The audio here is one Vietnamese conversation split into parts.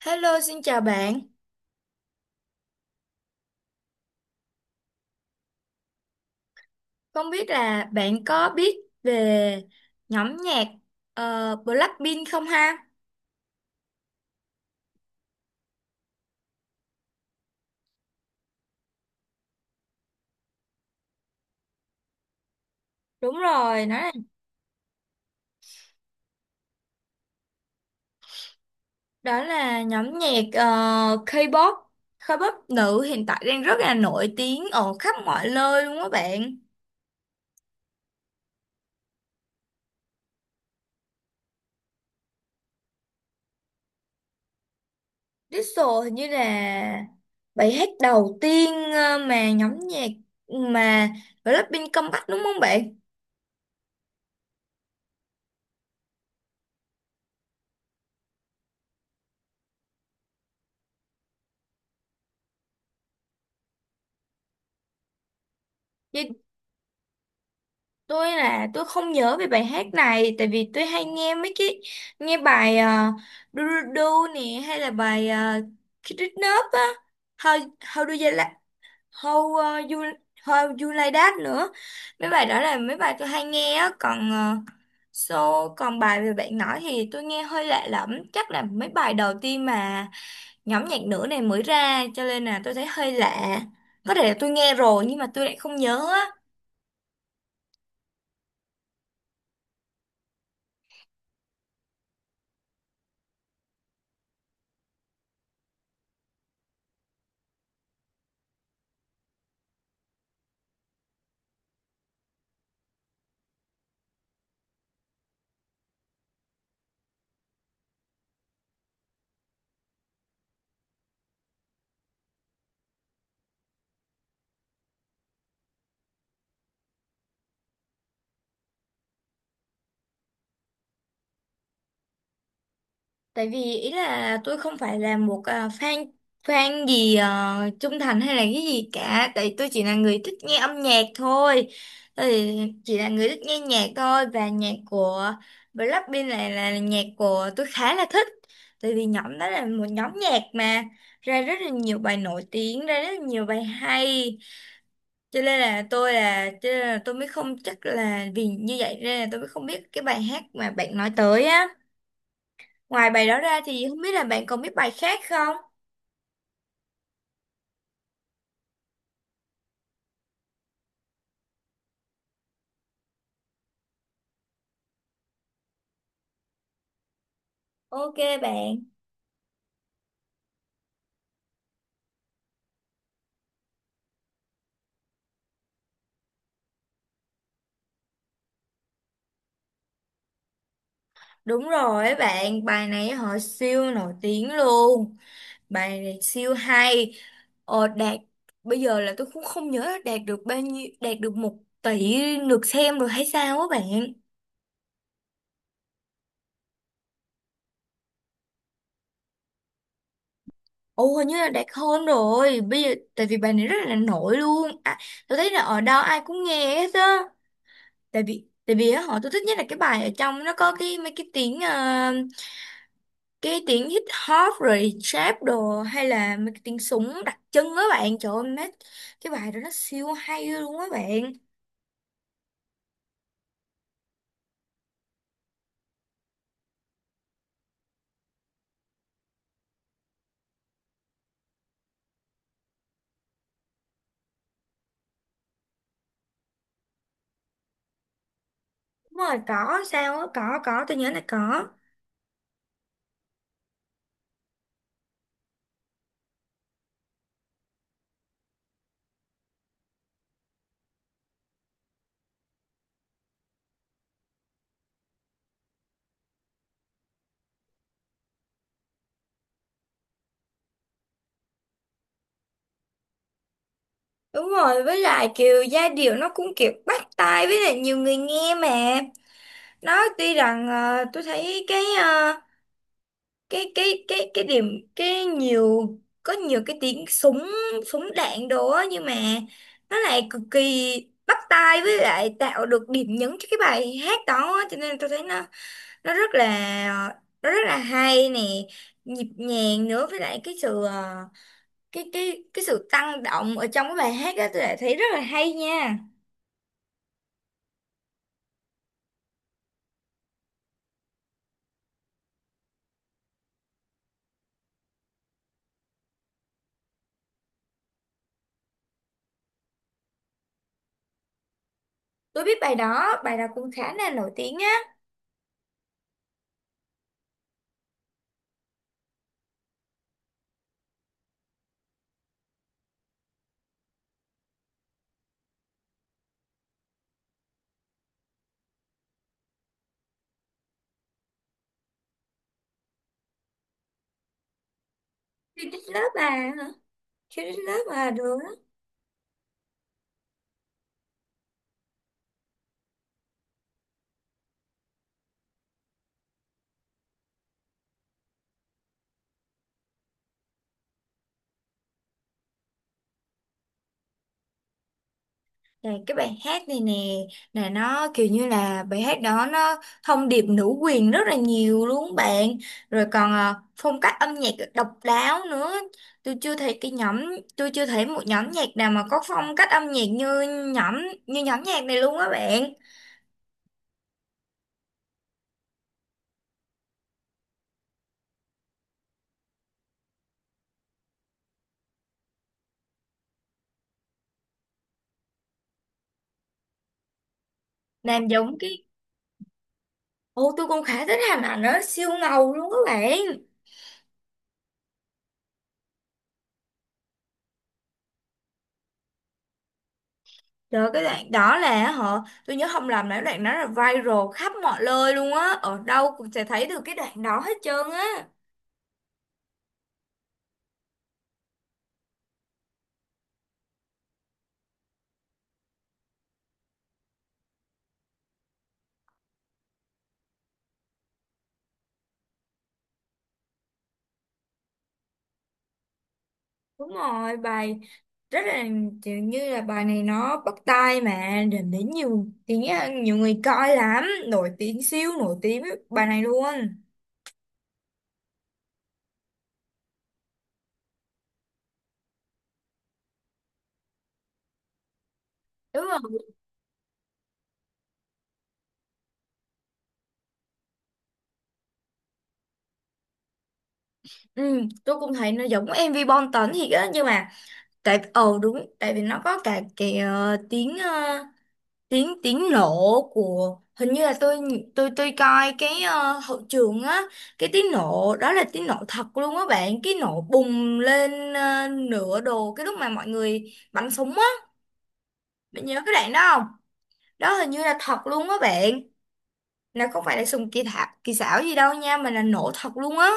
Hello, xin chào bạn. Không biết là bạn có biết về nhóm nhạc Blackpink không ha? Đúng rồi, đó là nhóm nhạc K-pop, K-pop nữ hiện tại đang rất là nổi tiếng ở khắp mọi nơi luôn á bạn. Diesel hình như là bài hát đầu tiên mà nhóm nhạc mà Blackpink comeback đúng không bạn? Giai tôi là tôi không nhớ về bài hát này tại vì tôi hay nghe mấy cái nghe bài do do Do nè hay là bài Kid Nup á, how how do you like, how uh, you how you like that nữa. Mấy bài đó là mấy bài tôi hay nghe á, còn so còn bài về bạn nói thì tôi nghe hơi lạ lẫm, chắc là mấy bài đầu tiên mà nhóm nhạc nữ này mới ra cho nên là tôi thấy hơi lạ, có thể là tôi nghe rồi nhưng mà tôi lại không nhớ á. Tại vì ý là tôi không phải là một à, fan fan gì trung thành hay là cái gì cả, tại tôi chỉ là người thích nghe âm nhạc thôi. Tôi thì chỉ là người thích nghe nhạc thôi và nhạc của Blackpink này là nhạc của tôi khá là thích. Tại vì nhóm đó là một nhóm nhạc mà ra rất là nhiều bài nổi tiếng, ra rất là nhiều bài hay. Cho nên là tôi mới không chắc là vì như vậy nên là tôi mới không biết cái bài hát mà bạn nói tới á. Ngoài bài đó ra thì không biết là bạn còn biết bài khác không? Ok bạn. Đúng rồi ấy bạn, bài này họ siêu nổi tiếng luôn. Bài này siêu hay. Ờ, đạt bây giờ là tôi cũng không nhớ là đạt được bao nhiêu, đạt được 1 tỷ lượt xem rồi hay sao á bạn. Ồ hình như là đạt hơn rồi. Bây giờ tại vì bài này rất là nổi luôn. À, tôi thấy là ở đâu ai cũng nghe hết á. Tại vì á, tôi thích nhất là cái bài ở trong nó có cái mấy cái tiếng cái tiếng hip hop rồi trap đồ hay là mấy cái tiếng súng đặc trưng á bạn, trời ơi mấy cái bài đó nó siêu hay luôn á bạn. Đúng rồi có sao á, có tôi nhớ là có. Đúng rồi, với lại kiểu giai điệu nó cũng kiểu bắt tai với lại nhiều người nghe mà, nó tuy rằng tôi thấy cái cái điểm cái nhiều có nhiều cái tiếng súng súng đạn đồ á nhưng mà nó lại cực kỳ bắt tai với lại tạo được điểm nhấn cho cái bài hát đó á. Cho nên tôi thấy nó rất là hay nè, nhịp nhàng nữa, với lại cái sự cái sự tăng động ở trong cái bài hát đó tôi lại thấy rất là hay nha. Tôi biết bài đó, bài đó cũng khá là nổi tiếng á. Khi Love à? Hả? Khi Love à, được. Là cái bài hát này nè, là nó kiểu như là bài hát đó nó thông điệp nữ quyền rất là nhiều luôn bạn, rồi còn à, phong cách âm nhạc độc đáo nữa. tôi chưa thấy cái nhóm tôi chưa thấy một nhóm nhạc nào mà có phong cách âm nhạc như nhóm như nhóm nhạc này luôn á bạn. Làm giống cái, ô tôi cũng khá thích, Hà ảnh nó siêu ngầu luôn các bạn. Rồi cái đoạn đó là tôi nhớ không lầm là cái đoạn đó là viral khắp mọi nơi luôn á, ở đâu cũng sẽ thấy được cái đoạn đó hết trơn á. Đúng rồi, rất là kiểu như là bài này nó bắt tai mà đến đến nhiều tiếng à, nhiều người coi lắm, nổi tiếng, siêu nổi tiếng với bài này luôn. Đúng rồi. Ừ, tôi cũng thấy nó giống MV Bom Tấn thiệt á, nhưng mà tại ờ đúng tại vì nó có cả cái tiếng tiếng tiếng nổ của, hình như là tôi coi cái hậu trường á, cái tiếng nổ đó là tiếng nổ thật luôn á bạn, cái nổ bùng lên nửa đồ cái lúc mà mọi người bắn súng á, bạn nhớ cái đoạn đó không? Đó hình như là thật luôn á bạn, là không phải là súng kỳ thạc kỳ xảo gì đâu nha mà là nổ thật luôn á.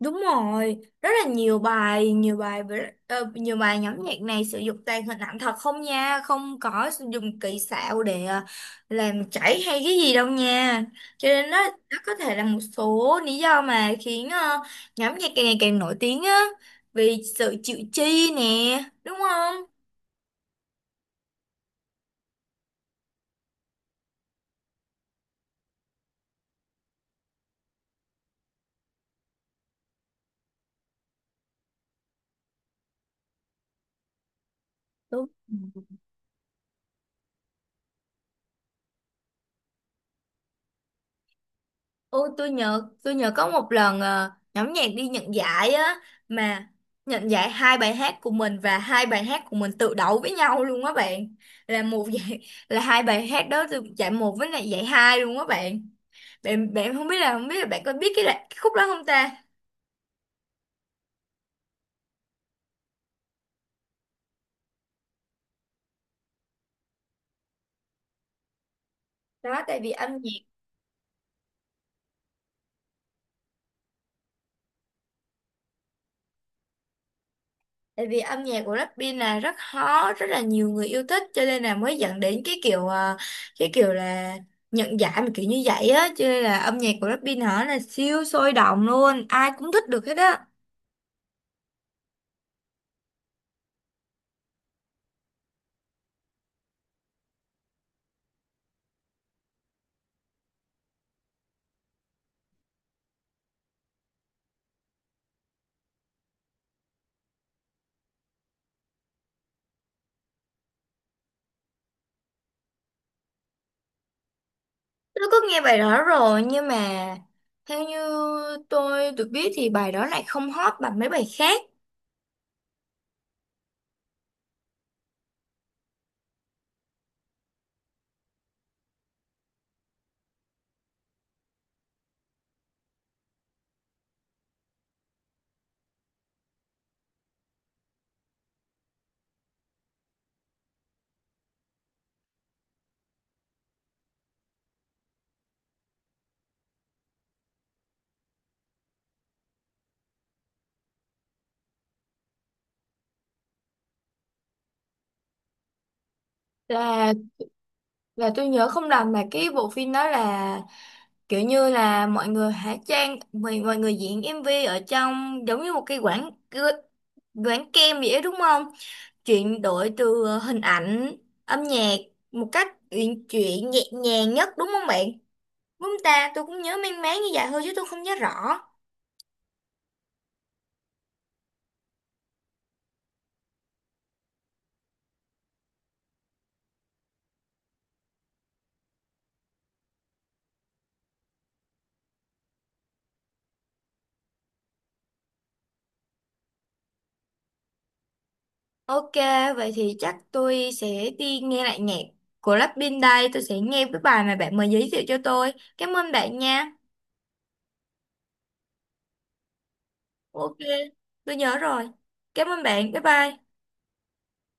Đúng rồi, rất là nhiều bài, nhiều bài nhóm nhạc này sử dụng toàn hình ảnh thật không nha, không có sử dụng kỹ xảo để làm chảy hay cái gì đâu nha. Cho nên đó, đó có thể là một số lý do mà khiến nhóm nhạc càng ngày càng nổi tiếng á, vì sự chịu chi nè, đúng không? Đúng. Ôi tôi nhớ có một lần nhóm nhạc đi nhận giải á, mà nhận giải hai bài hát của mình và hai bài hát của mình tự đấu với nhau luôn á bạn, là một giải, là hai bài hát đó từ giải một với lại giải hai luôn á bạn. Bạn không biết là bạn có biết cái, cái khúc đó không ta? Đó tại vì âm nhạc Tại vì âm nhạc của Blackpink là rất hot, rất là nhiều người yêu thích cho nên là mới dẫn đến cái kiểu à, cái kiểu là nhận giải mà kiểu như vậy á, cho nên là âm nhạc của Blackpink hả là siêu sôi động luôn, ai cũng thích được hết á. Tôi có nghe bài đó rồi nhưng mà theo như tôi được biết thì bài đó lại không hot bằng mấy bài khác. Là là tôi nhớ không lầm mà cái bộ phim đó là kiểu như là mọi người hóa trang mọi, mọi người diễn MV ở trong giống như một cái quảng quảng kem vậy đó, đúng không, chuyển đổi từ hình ảnh âm nhạc một cách uyển chuyển nhẹ nhàng nhất đúng không bạn? Đúng không ta, tôi cũng nhớ mang máng như vậy thôi chứ tôi không nhớ rõ. Ok, vậy thì chắc tôi sẽ đi nghe lại nhạc của Blackpink đây, tôi sẽ nghe cái bài mà bạn mới giới thiệu cho tôi. Cảm ơn bạn nha. Ok, tôi nhớ rồi, cảm ơn bạn, bye bye.